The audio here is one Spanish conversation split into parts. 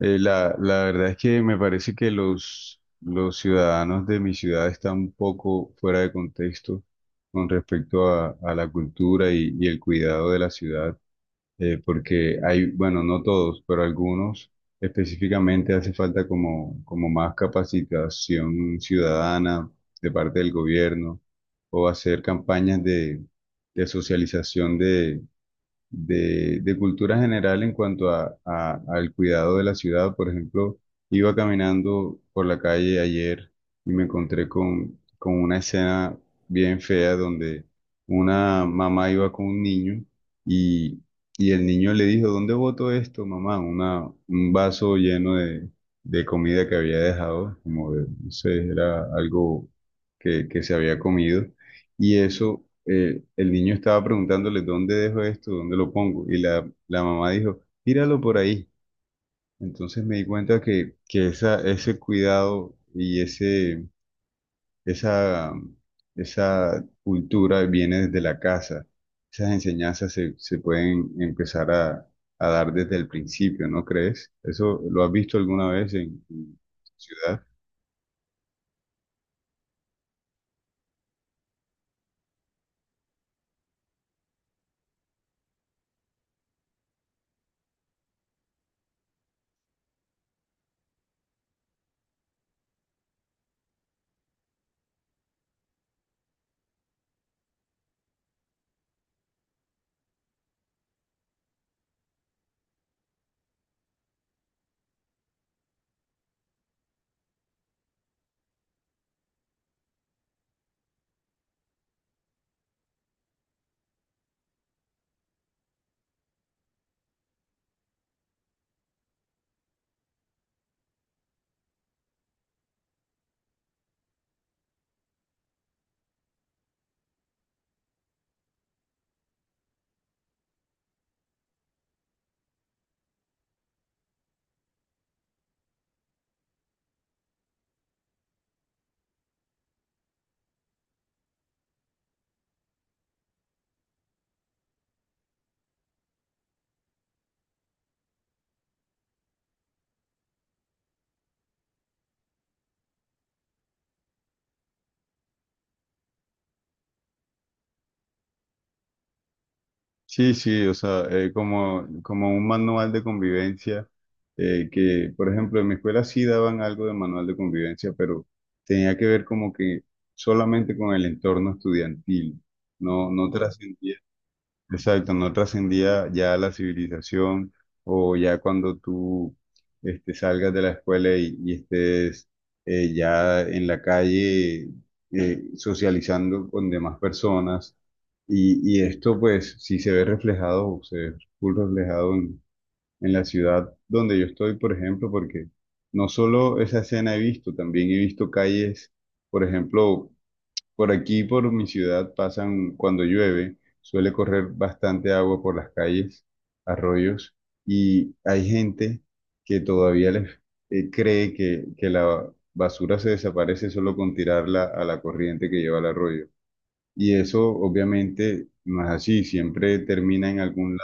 La verdad es que me parece que los ciudadanos de mi ciudad están un poco fuera de contexto con respecto a la cultura y el cuidado de la ciudad, porque hay, bueno, no todos, pero algunos específicamente hace falta como más capacitación ciudadana de parte del gobierno o hacer campañas de socialización de cultura general en cuanto al cuidado de la ciudad. Por ejemplo, iba caminando por la calle ayer y me encontré con una escena bien fea donde una mamá iba con un niño y, y el niño le dijo, ¿dónde boto esto, mamá? Un vaso lleno de comida que había dejado, como de, no sé, era algo que se había comido. Y eso, el niño estaba preguntándole, ¿dónde dejo esto? ¿Dónde lo pongo? Y la mamá dijo, tíralo por ahí. Entonces me di cuenta que esa, ese cuidado y ese, esa, esa cultura viene desde la casa. Esas enseñanzas se pueden empezar a dar desde el principio, ¿no crees? ¿Eso lo has visto alguna vez en tu ciudad? Sí, sí, o sea, como un manual de convivencia, que, por ejemplo, en mi escuela sí daban algo de manual de convivencia, pero tenía que ver como que solamente con el entorno estudiantil, no, no. Mm. Trascendía. Exacto, no trascendía ya a la civilización o ya cuando tú este, salgas de la escuela y estés ya en la calle, socializando con demás personas. Y esto pues si se ve reflejado, se ve full reflejado en la ciudad donde yo estoy, por ejemplo, porque no solo esa escena he visto, también he visto calles, por ejemplo, por aquí, por mi ciudad, pasan cuando llueve, suele correr bastante agua por las calles, arroyos, y hay gente que todavía les cree que la basura se desaparece solo con tirarla a la corriente que lleva al arroyo. Y eso obviamente no es así, siempre termina en algún...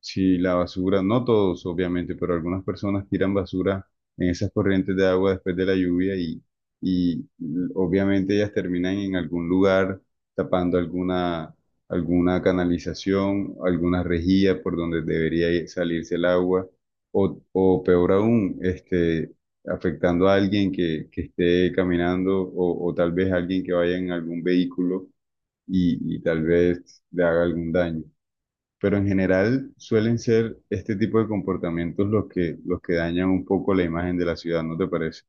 Sí, la basura, no todos obviamente, pero algunas personas tiran basura en esas corrientes de agua después de la lluvia y obviamente ellas terminan en algún lugar tapando alguna, alguna canalización, alguna rejilla por donde salirse el agua o peor aún, este, afectando a alguien que esté caminando o tal vez alguien que vaya en algún vehículo y tal vez le haga algún daño, pero en general suelen ser este tipo de comportamientos los que dañan un poco la imagen de la ciudad, ¿no te parece?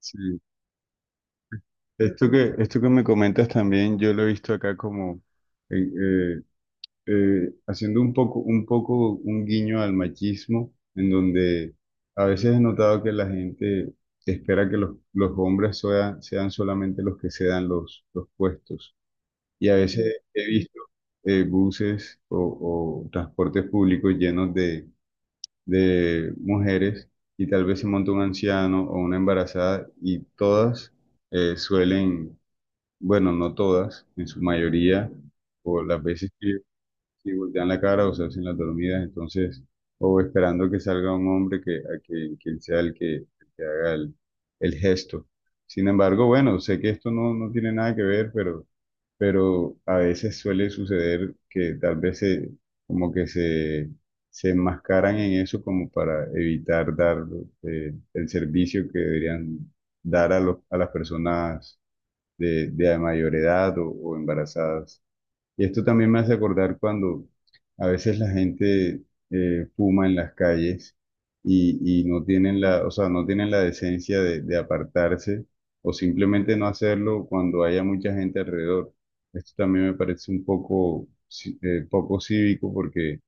Sí. Esto que me comentas también, yo lo he visto acá como eh, eh, haciendo un poco, un poco un guiño al machismo, en donde a veces he notado que la gente espera que los hombres sean solamente los que cedan los puestos. Y a veces he visto buses o transportes públicos llenos de mujeres y tal vez se monta un anciano o una embarazada y todas suelen, bueno, no todas, en su mayoría, o las veces que si voltean la cara o se hacen las dormidas, entonces, o esperando que salga un hombre que, a que, que él sea el que haga el gesto. Sin embargo, bueno, sé que esto no, no tiene nada que ver, pero a veces suele suceder que tal vez se, como que se enmascaran en eso como para evitar dar el servicio que deberían dar a, los, a las personas de mayor edad o embarazadas. Y esto también me hace acordar cuando a veces la gente fuma en las calles y no tienen la, o sea, no tienen la decencia de apartarse o simplemente no hacerlo cuando haya mucha gente alrededor. Esto también me parece un poco, poco cívico porque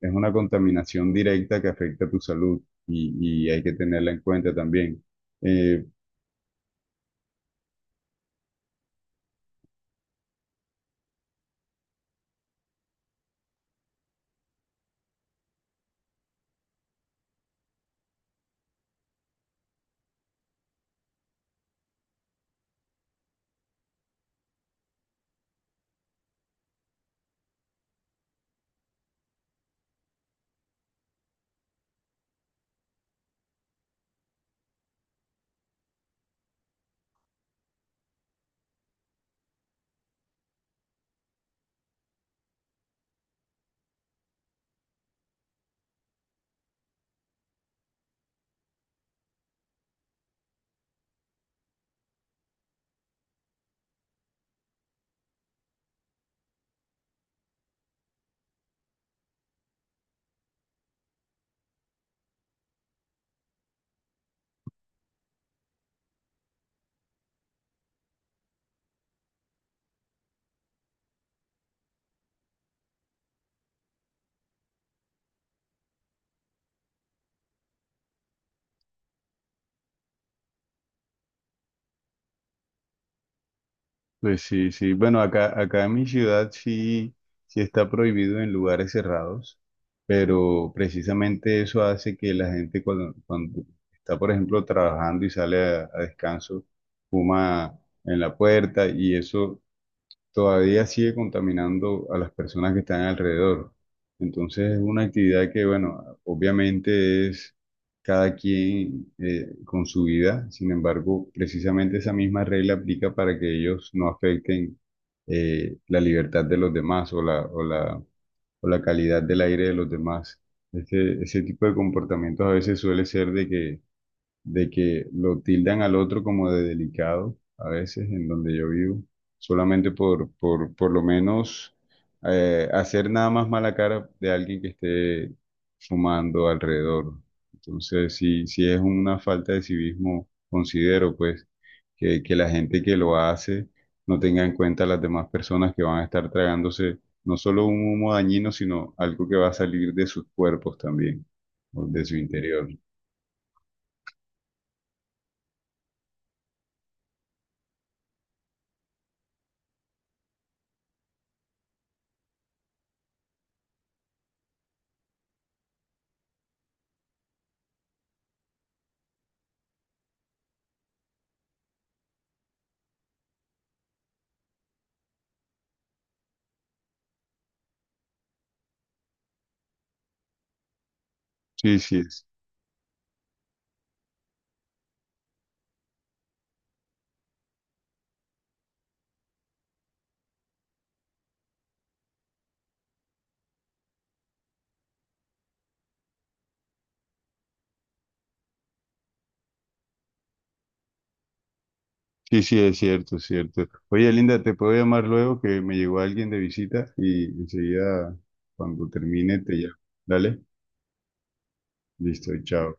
es una contaminación directa que afecta a tu salud y hay que tenerla en cuenta también. Eh, Pues sí, sí. Bueno, acá, acá en mi ciudad sí, sí está prohibido en lugares cerrados, pero precisamente eso hace que la gente cuando, cuando está, por ejemplo, trabajando y sale a descanso, fuma en la puerta y eso todavía sigue contaminando a las personas que están alrededor. Entonces es una actividad que, bueno, obviamente es cada quien con su vida, sin embargo, precisamente esa misma regla aplica para que ellos no afecten la libertad de los demás o la, o la, o la calidad del aire de los demás. Este, ese tipo de comportamientos a veces suele ser de que lo tildan al otro como de delicado a veces en donde yo vivo, solamente por lo menos hacer nada más mala cara de alguien que esté fumando alrededor. Entonces, si, si es una falta de civismo, considero pues que la gente que lo hace no tenga en cuenta a las demás personas que van a estar tragándose no solo un humo dañino, sino algo que va a salir de sus cuerpos también, o de su interior. Sí, sí, sí, sí, es cierto, es cierto. Oye, Linda, te puedo llamar luego que me llegó alguien de visita y enseguida, cuando termine, te llamo. Dale, listo, chao.